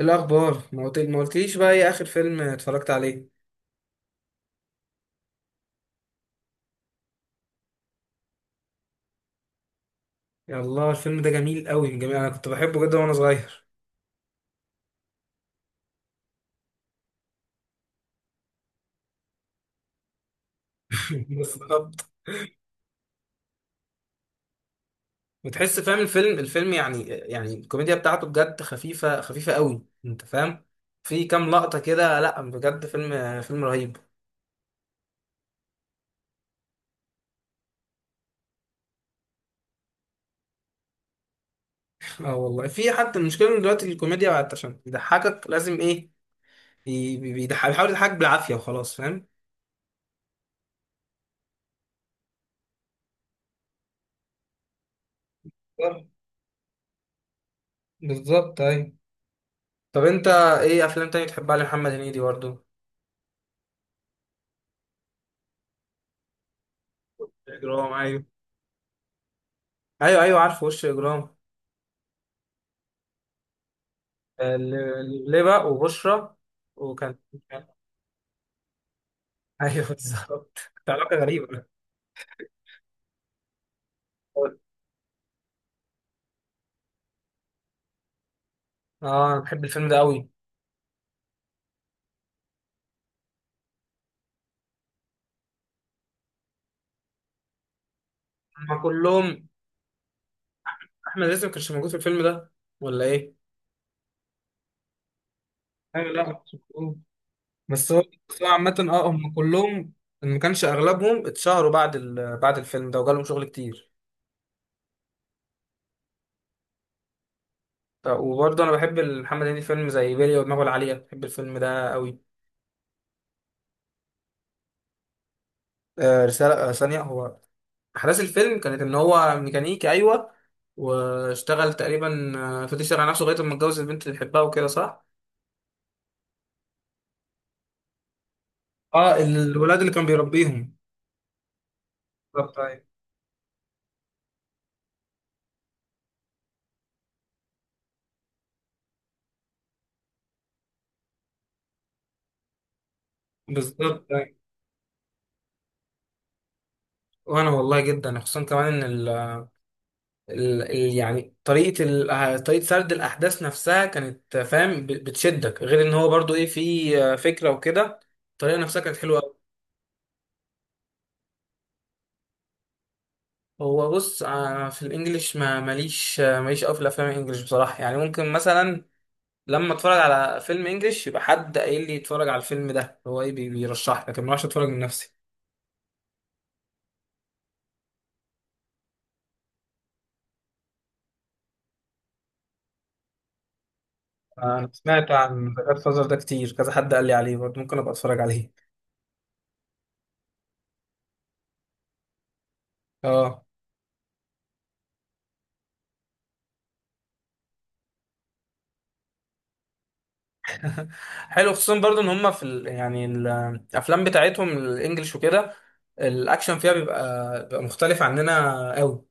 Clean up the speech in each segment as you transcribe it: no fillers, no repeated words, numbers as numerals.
الأخبار، ما قلتليش بقى إيه آخر فيلم اتفرجت عليه؟ يا الله، الفيلم ده جميل قوي، جميل. أنا كنت بحبه جدا وأنا صغير. بالظبط. وتحس فاهم، الفيلم يعني الكوميديا بتاعته بجد خفيفة خفيفة قوي، أنت فاهم. في كام لقطة كده، لا بجد فيلم رهيب. اه والله، في حتى المشكلة إن دلوقتي الكوميديا بقت عشان يضحكك لازم إيه، بيحاول يضحكك بالعافية وخلاص، فاهم. بالظبط، بالظبط، أيوة. طب أنت، إيه أفلام تانية بتحبها لمحمد هنيدي برضه؟ إجرام، أيوة. ايوه، ايوه، عارف وش اجرام. لبلبة وبشرى. وكان. ايوه، بالظبط، كانت علاقه غريبه. اه، انا بحب الفيلم ده قوي. هما كلهم. احمد رزق ما كانش موجود في الفيلم ده، ولا ايه؟ ايوه، لا، ما كانش موجود. بس هو بس هو عامة، اه، هم كلهم، إن ما كانش اغلبهم اتشهروا بعد الفيلم ده وجالهم شغل كتير. وبرضه انا بحب محمد هنيدي، فيلم زي بيلي ودماغه العالية، بحب الفيلم ده قوي. رسالة، ثانية. هو أحداث الفيلم كانت إن هو ميكانيكي، أيوة، واشتغل تقريبا، فضل يشتغل على نفسه لغاية لما اتجوز البنت اللي بيحبها وكده، صح؟ اه، الولاد اللي كان بيربيهم. بالظبط، أيوة. بالظبط، أيوة. وأنا والله جدا، خصوصا كمان إن يعني طريقة ال... آه، طريقة سرد الأحداث نفسها كانت، فاهم، بتشدك، غير إن هو برضو إيه، في فكرة وكده. الطريقة نفسها كانت حلوة أوي. هو بص، في الإنجليش ما ماليش آه، ماليش أوي في الأفلام الإنجليش بصراحة، يعني ممكن مثلا لما اتفرج على فيلم انجليش، يبقى حد قايل لي اتفرج على الفيلم ده، هو ايه، بيرشح لي. لكن ما اعرفش اتفرج من نفسي. انا سمعت عن جاد فازر ده كتير، كذا حد قال لي عليه برضه، ممكن ابقى اتفرج عليه. اه. حلو، خصوصا برضه ان هم في الافلام بتاعتهم الانجليش وكده، الاكشن فيها بيبقى مختلف عننا قوي.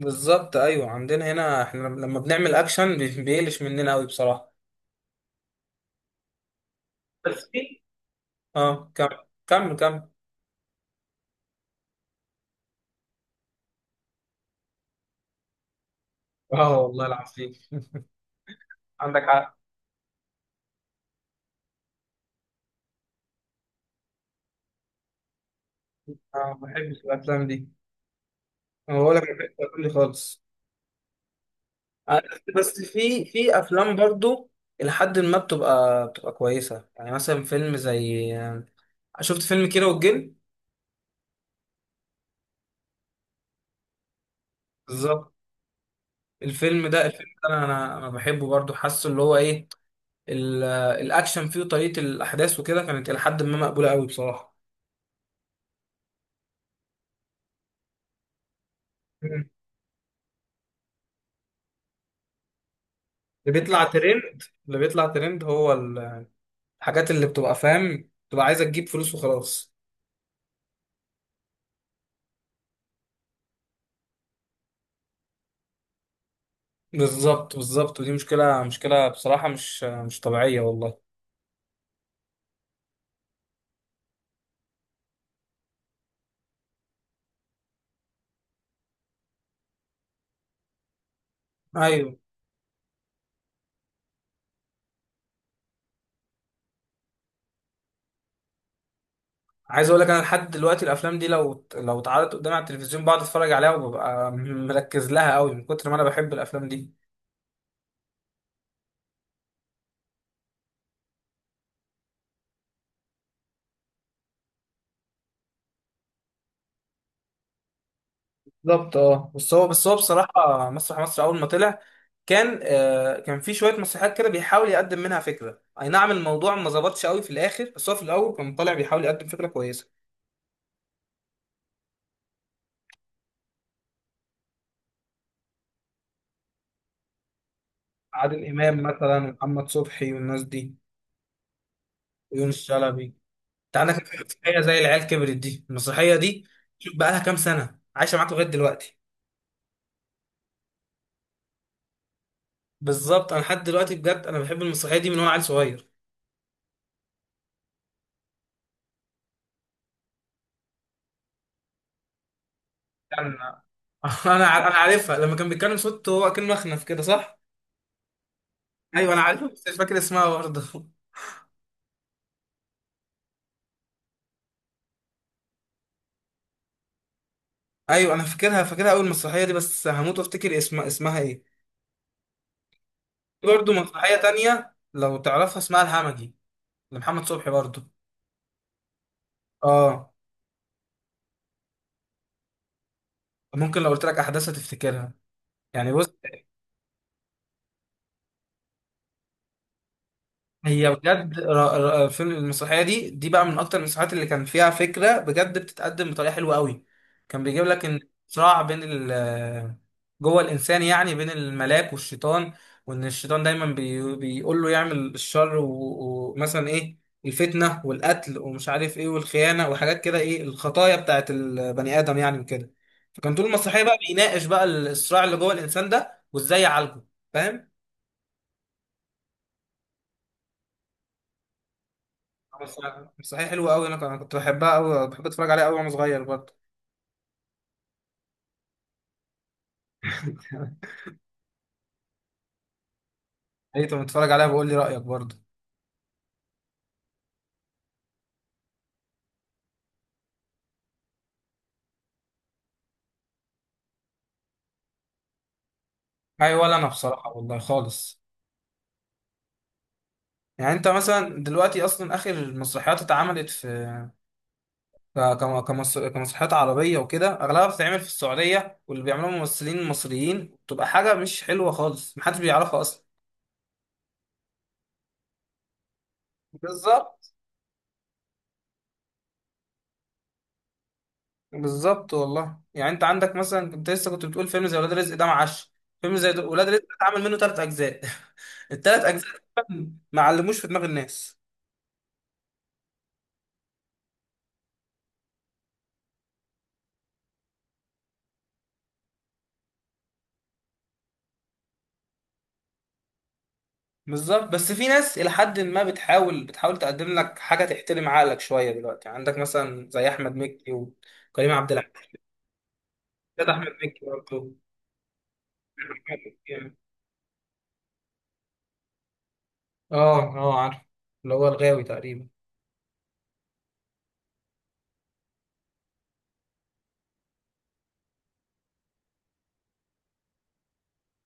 بالظبط، ايوه، عندنا هنا احنا لما بنعمل اكشن بيقلش مننا قوي بصراحه. بس في. اه، كمل، كمل، كمل. اه والله العظيم. عندك حق. أنا ما بحبش الأفلام دي. أنا بقول لك ما بحبش الأفلام دي خالص. بس في أفلام برضو إلى حد ما بتبقى كويسة، يعني مثلا فيلم زي. شفت فيلم كيرة والجن؟ بالظبط، الفيلم ده أنا بحبه برضو، حاسه اللي هو إيه، الأكشن فيه وطريقة الأحداث وكده كانت إلى حد ما مقبولة قوي بصراحة. مم. اللي بيطلع ترند اللي بيطلع ترند هو الحاجات اللي بتبقى، فاهم، بتبقى عايزة تجيب فلوس وخلاص. بالظبط، بالظبط، ودي مشكلة، مشكلة بصراحة، مش طبيعية والله. أيوة. عايز أقول لك، أنا لحد دلوقتي الأفلام دي لو اتعرضت قدامي على التلفزيون بقعد أتفرج عليها وببقى مركز لها أوي من كتر ما أنا بحب الأفلام دي. بالظبط، أه، بس هو بصراحة مسرح مصر أول ما طلع كان في شوية مسرحيات كده بيحاول يقدم منها فكرة، أي نعم الموضوع ما ظبطش أوي في الآخر، بس هو في الأول كان طالع بيحاول يقدم فكرة كويسة. عادل إمام مثلا، ومحمد صبحي، والناس دي. ويونس شلبي. انت عندك مسرحيه زي العيال كبرت، دي المسرحيه دي شوف بقى لها كام سنه عايشه معاك لغايه دلوقتي. بالظبط، انا لحد دلوقتي بجد انا بحب المسرحيه دي من وانا عيل صغير. انا انا عارفها، لما كان بيتكلم صوته هو كان مخنف كده، صح؟ ايوه، انا عارفها بس مش فاكر اسمها برضه. ايوه، انا فاكرها اول مسرحيه دي، بس هموت وافتكر اسمها ايه؟ في برضه مسرحيه تانية لو تعرفها، اسمها الهمجي، لمحمد صبحي برضه. اه. ممكن لو قلت لك احداثها تفتكرها؟ يعني بص، هي بجد المسرحيه دي بقى من اكتر المسرحيات اللي كان فيها فكره، بجد بتتقدم بطريقه حلوه قوي. كان بيجيب لك ان صراع بين جوه الانسان، يعني بين الملاك والشيطان، وان الشيطان دايما بيقول له يعمل الشر، ومثلا ايه، الفتنه والقتل ومش عارف ايه، والخيانه وحاجات كده، ايه، الخطايا بتاعت البني ادم يعني وكده. فكان طول المسرحيه بقى بيناقش بقى الصراع اللي جوه الانسان ده، وازاي يعالجه، فاهم؟ بس مسرحية حلوة أوي، أنا كنت بحبها أوي، بحب أتفرج عليها أوي وأنا صغير برضه. أي، طب بتتفرج عليها بقول لي رأيك برضه. أي ولا، أنا بصراحة والله خالص. يعني أنت مثلا دلوقتي أصلا آخر مسرحيات اتعملت في كمسرحيات عربية وكده، أغلبها بتتعمل في السعودية واللي بيعملوها ممثلين مصريين، بتبقى حاجة مش حلوة خالص، محدش بيعرفها أصلا. بالظبط، بالظبط، والله يعني، انت عندك مثلا، انت لسه كنت بتقول فيلم زي ولاد رزق ده معاش. فيلم زي ولاد رزق ده اتعمل منه ثلاث اجزاء. الثلاث اجزاء تقريباً ما علموش في دماغ الناس. بالظبط، بس في ناس الى حد ما بتحاول تقدم لك حاجه تحترم عقلك شويه، دلوقتي عندك مثلا زي احمد مكي وكريم عبد العزيز. لا، ده احمد مكي برضه. اه، اه، عارف، اللي هو الغاوي تقريبا.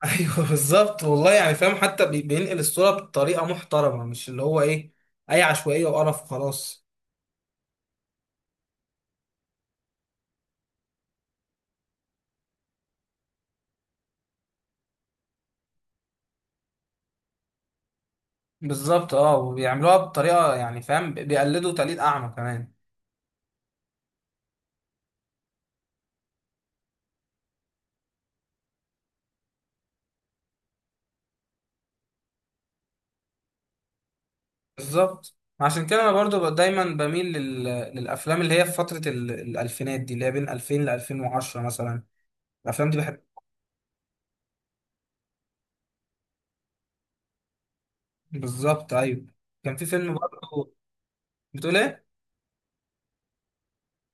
ايوه. بالظبط، والله يعني، فاهم، حتى بينقل الصوره بطريقه محترمه، مش اللي هو ايه، اي عشوائيه وقرف وخلاص. بالظبط، اه، وبيعملوها بطريقه، يعني فاهم، بيقلدوا تقليد اعمى كمان. بالظبط، عشان كده انا برضو دايما بميل للافلام اللي هي في فتره الالفينات دي اللي هي بين 2000 ل 2010 مثلا. الافلام دي بحب. بالظبط، ايوه. كان في فيلم برضو. بتقول ايه؟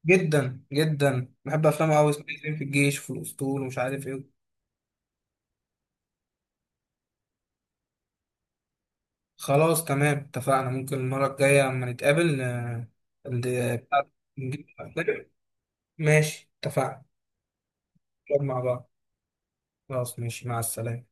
جدا جدا بحب افلامه قوي. اسمه إيه؟ في الجيش وفي الاسطول ومش عارف ايه. خلاص، تمام، اتفقنا. ممكن المرة الجاية لما نتقابل، ال- بتاع- نجيب- ماشي، اتفقنا. نقعد مع بعض. خلاص، ماشي، مع السلامة.